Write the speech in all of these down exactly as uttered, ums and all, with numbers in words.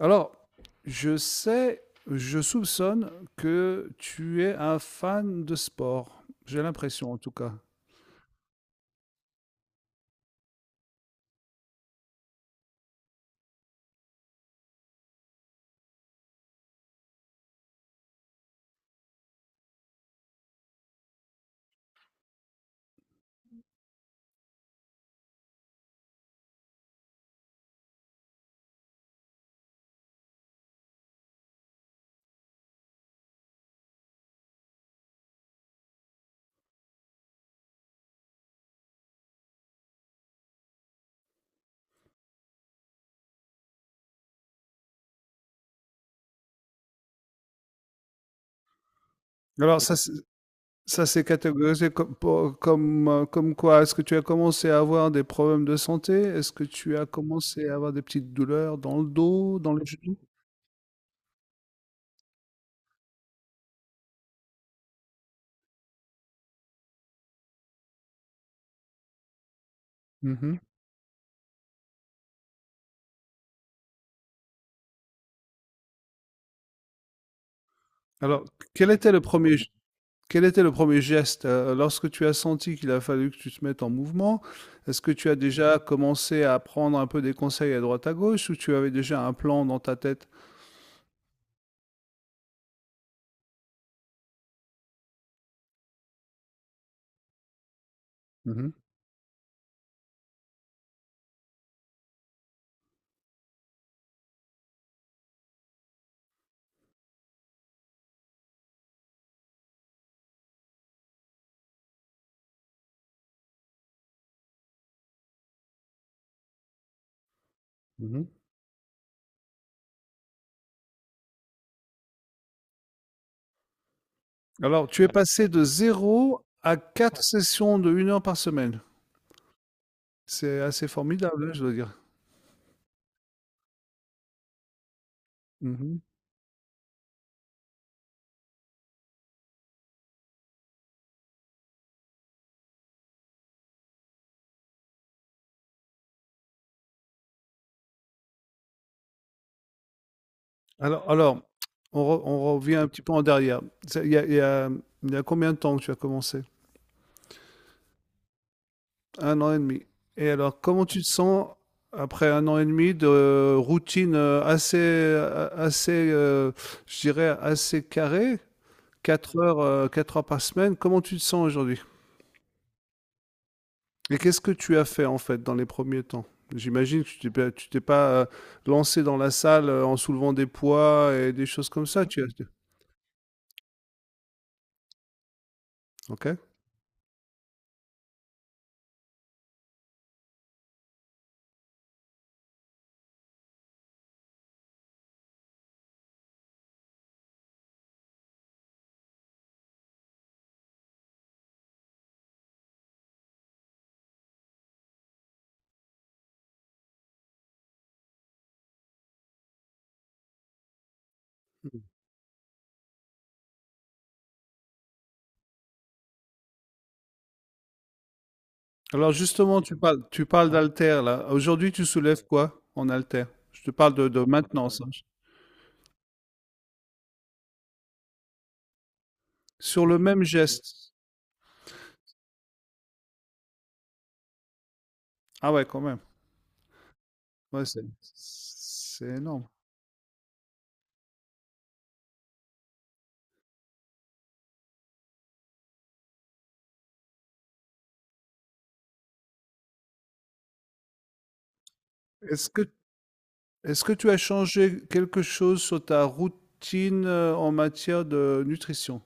Alors, je sais, je soupçonne que tu es un fan de sport. J'ai l'impression, en tout cas. Alors, ça, c'est- ça s'est catégorisé comme, pour- comme, euh, comme quoi? Est-ce que tu as commencé à avoir des problèmes de santé? Est-ce que tu as commencé à avoir des petites douleurs dans le dos, dans les genoux? Mhm. Alors, quel était le premier Quel était le premier geste euh, lorsque tu as senti qu'il a fallu que tu te mettes en mouvement? Est-ce que tu as déjà commencé à prendre un peu des conseils à droite à gauche ou tu avais déjà un plan dans ta tête? Mmh mh. Mmh. Alors, tu es passé de zéro à quatre sessions de une heure par semaine. C'est assez formidable, hein, je dois dire. Mmh. Alors alors, on re on revient un petit peu en derrière. C'est il y a il y a il y a combien de temps que tu as commencé? Un an et demi. Et alors, comment tu te sens après un an et demi de routine euh, assez, euh, assez, euh, je dirais, assez carrée, quatre heures, euh, quatre heures par semaine, comment tu te sens aujourd'hui? Et qu'est-ce que tu as fait en fait dans les premiers temps? J'imagine que tu t'es pas, tu t'es pas euh, lancé dans la salle euh, en soulevant des poids et des choses comme ça. Tu as... Ok. Mm. Alors justement, tu parles, tu parles d'haltère là. Aujourd'hui, tu soulèves quoi en haltère? Je te parle de, de maintenance, hein. Sur le même geste. Ah ouais, quand même. Ouais, c'est c'est énorme. Est-ce que est-ce que tu as changé quelque chose sur ta routine, heu, en matière de nutrition?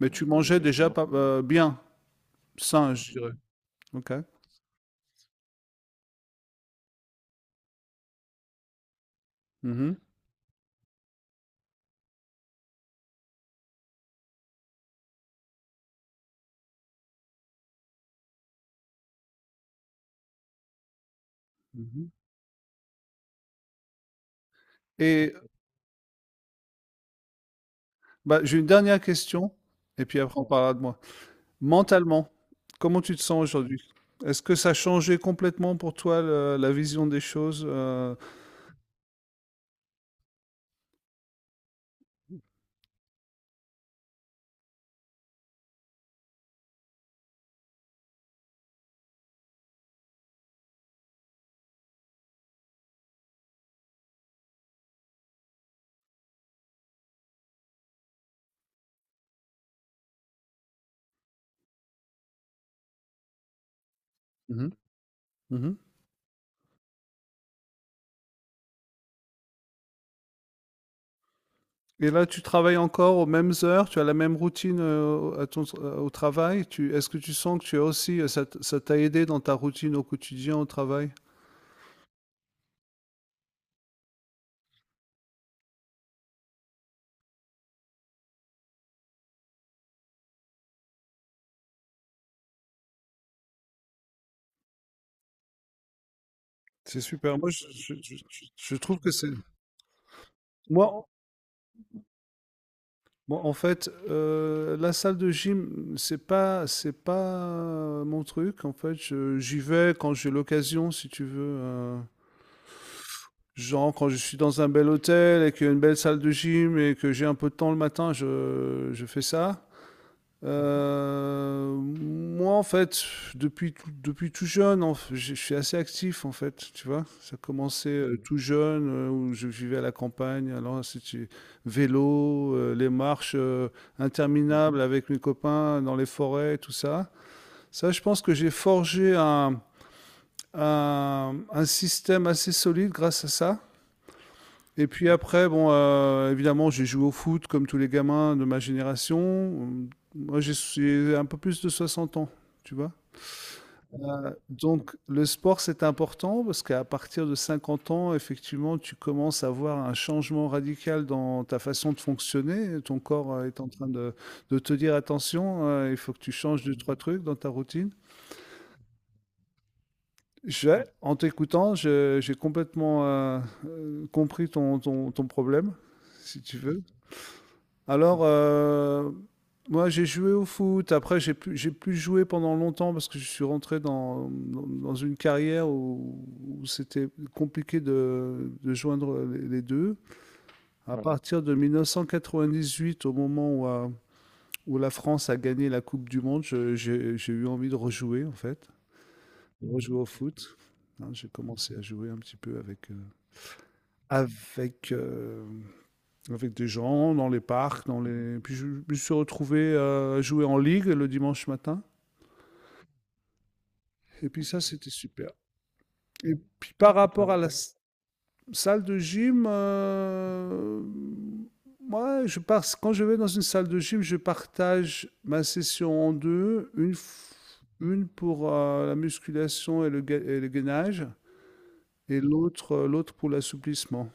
Mais tu mangeais déjà pas heu, bien, sain, je dirais. OK. Mmh mh. Mmh. et bah, j'ai une dernière question et puis après on parlera de moi. Mentalement, comment tu te sens aujourd'hui? Est-ce que ça a changé complètement pour toi le la vision des choses, heu? Mmh mh. Mmh. Et là, tu travailles encore aux mêmes heures, tu as la même routine euh, à ton, euh, au travail. Tu, est-ce que tu sens que tu as aussi, euh, ça, t- ça t'a aidé dans ta routine au quotidien au travail? C'est super. Moi, je, je- je- je- je trouve que c'est. Moi, en moi, en fait, euh, la salle de gym, c'est pas, c'est pas euh, mon truc. En fait, je- j'y vais quand j'ai l'occasion, si tu veux. Euh, genre, quand je suis dans un bel hôtel et qu'il y a une belle salle de gym et que j'ai un peu de temps le matin, je, je fais ça. Euh, moi, en fait, depuis, tout- depuis tout jeune, en f- je je suis assez actif, en fait, tu vois. Ça a commencé euh, tout jeune, euh, où je vivais à la campagne. Alors, c'était vélo, euh, les marches euh, interminables avec mes copains dans les forêts, tout ça. Ça, je pense que j'ai forgé un, un, un système assez solide grâce à ça. Et puis après, bon, euh, évidemment, j'ai joué au foot comme tous les gamins de ma génération. Moi, j'ai j'ai un peu plus de soixante ans, tu vois. Euh, donc, le sport, c'est important parce qu'à partir de cinquante ans, effectivement, tu commences à voir un changement radical dans ta façon de fonctionner. Ton corps euh, est en train de, de te dire attention, euh, il faut que tu changes deux, trois trucs dans ta routine. Je- en t'écoutant, je- j'ai complètement euh, euh, compris ton, ton ton problème, si tu veux. Alors, euh, moi, j'ai joué au foot. Après, j'ai pu, j'ai pu jouer pendant longtemps parce que je suis rentré dans, dans, dans une carrière où, où c'était compliqué de, de joindre les, les deux. À Ouais, partir de mille neuf cent quatre-vingt-dix-huit, au moment où, euh, où la France a gagné la Coupe du Monde, je- j'ai j'ai eu envie de rejouer, en fait, de rejouer au foot. Hein, j'ai commencé à jouer un petit peu avec, euh, avec euh, avec des gens dans les parcs, dans les. Puis je me suis retrouvé euh, à jouer en ligue le dimanche matin. Et puis ça, c'était super. Et puis par rapport à la salle de gym, euh, moi, je pars, quand je vais dans une salle de gym, je partage ma session en deux, une, f- une pour euh, la musculation et le, ga- et le gainage, et l'autre euh, l'autre pour l'assouplissement.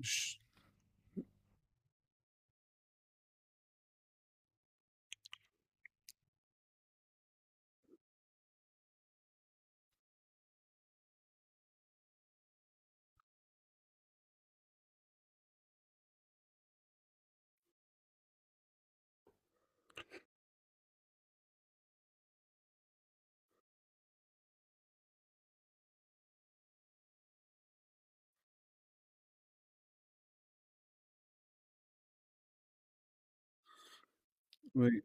Je- Oui.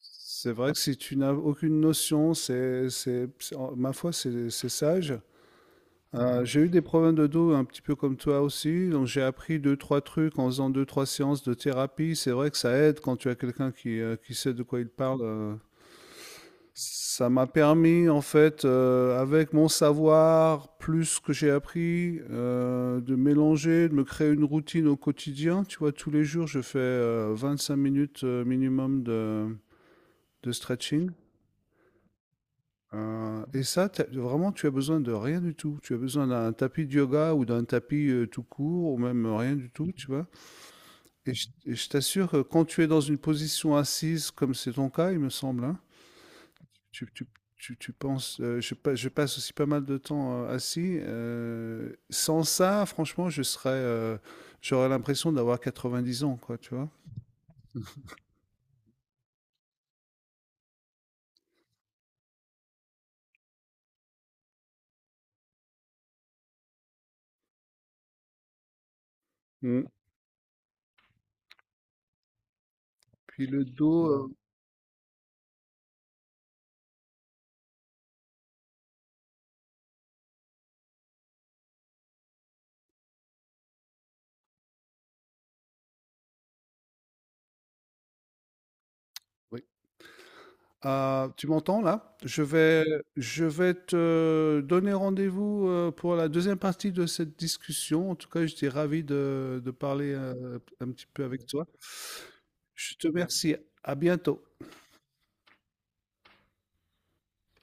C'est vrai que si tu n'as aucune notion, c'est, c'est, c'est- en- ma foi, c'est c'est sage. Euh, j'ai eu des problèmes de dos un petit peu comme toi aussi, donc j'ai appris deux, trois trucs en faisant deux, trois séances de thérapie. C'est vrai que ça aide quand tu as quelqu'un qui, euh, qui sait de quoi il parle, euh. Ça m'a permis, en fait, euh, avec mon savoir, plus ce que j'ai appris, euh, de mélanger, de me créer une routine au quotidien. Tu vois, tous les jours, je fais euh, cinq minutes euh, minimum de de stretching. Heu et ça, tu vraiment, tu as besoin de rien du tout. Tu as besoin d'un tapis de yoga ou d'un tapis, heu, tout court ou même rien du tout, tu vois? Et je et je t'assure que quand tu es dans une position assise, comme c'est ton cas, il me semble, hein, tu tu tu tu penses, heu, je pa je passe aussi pas mal de temps, heu, assis, heu, sans ça, franchement, je serais, heu, j'aurais l'impression d'avoir quatre-vingt-dix ans, quoi, tu vois? Mmh. Puis le dos, euh, euh, tu m'entends là? Je vais, je vais te donner rendez-vous euh, pour la deuxième partie de cette discussion. En tout cas, j'étais ravi de, de parler euh, un petit peu avec toi. Je te remercie. À bientôt.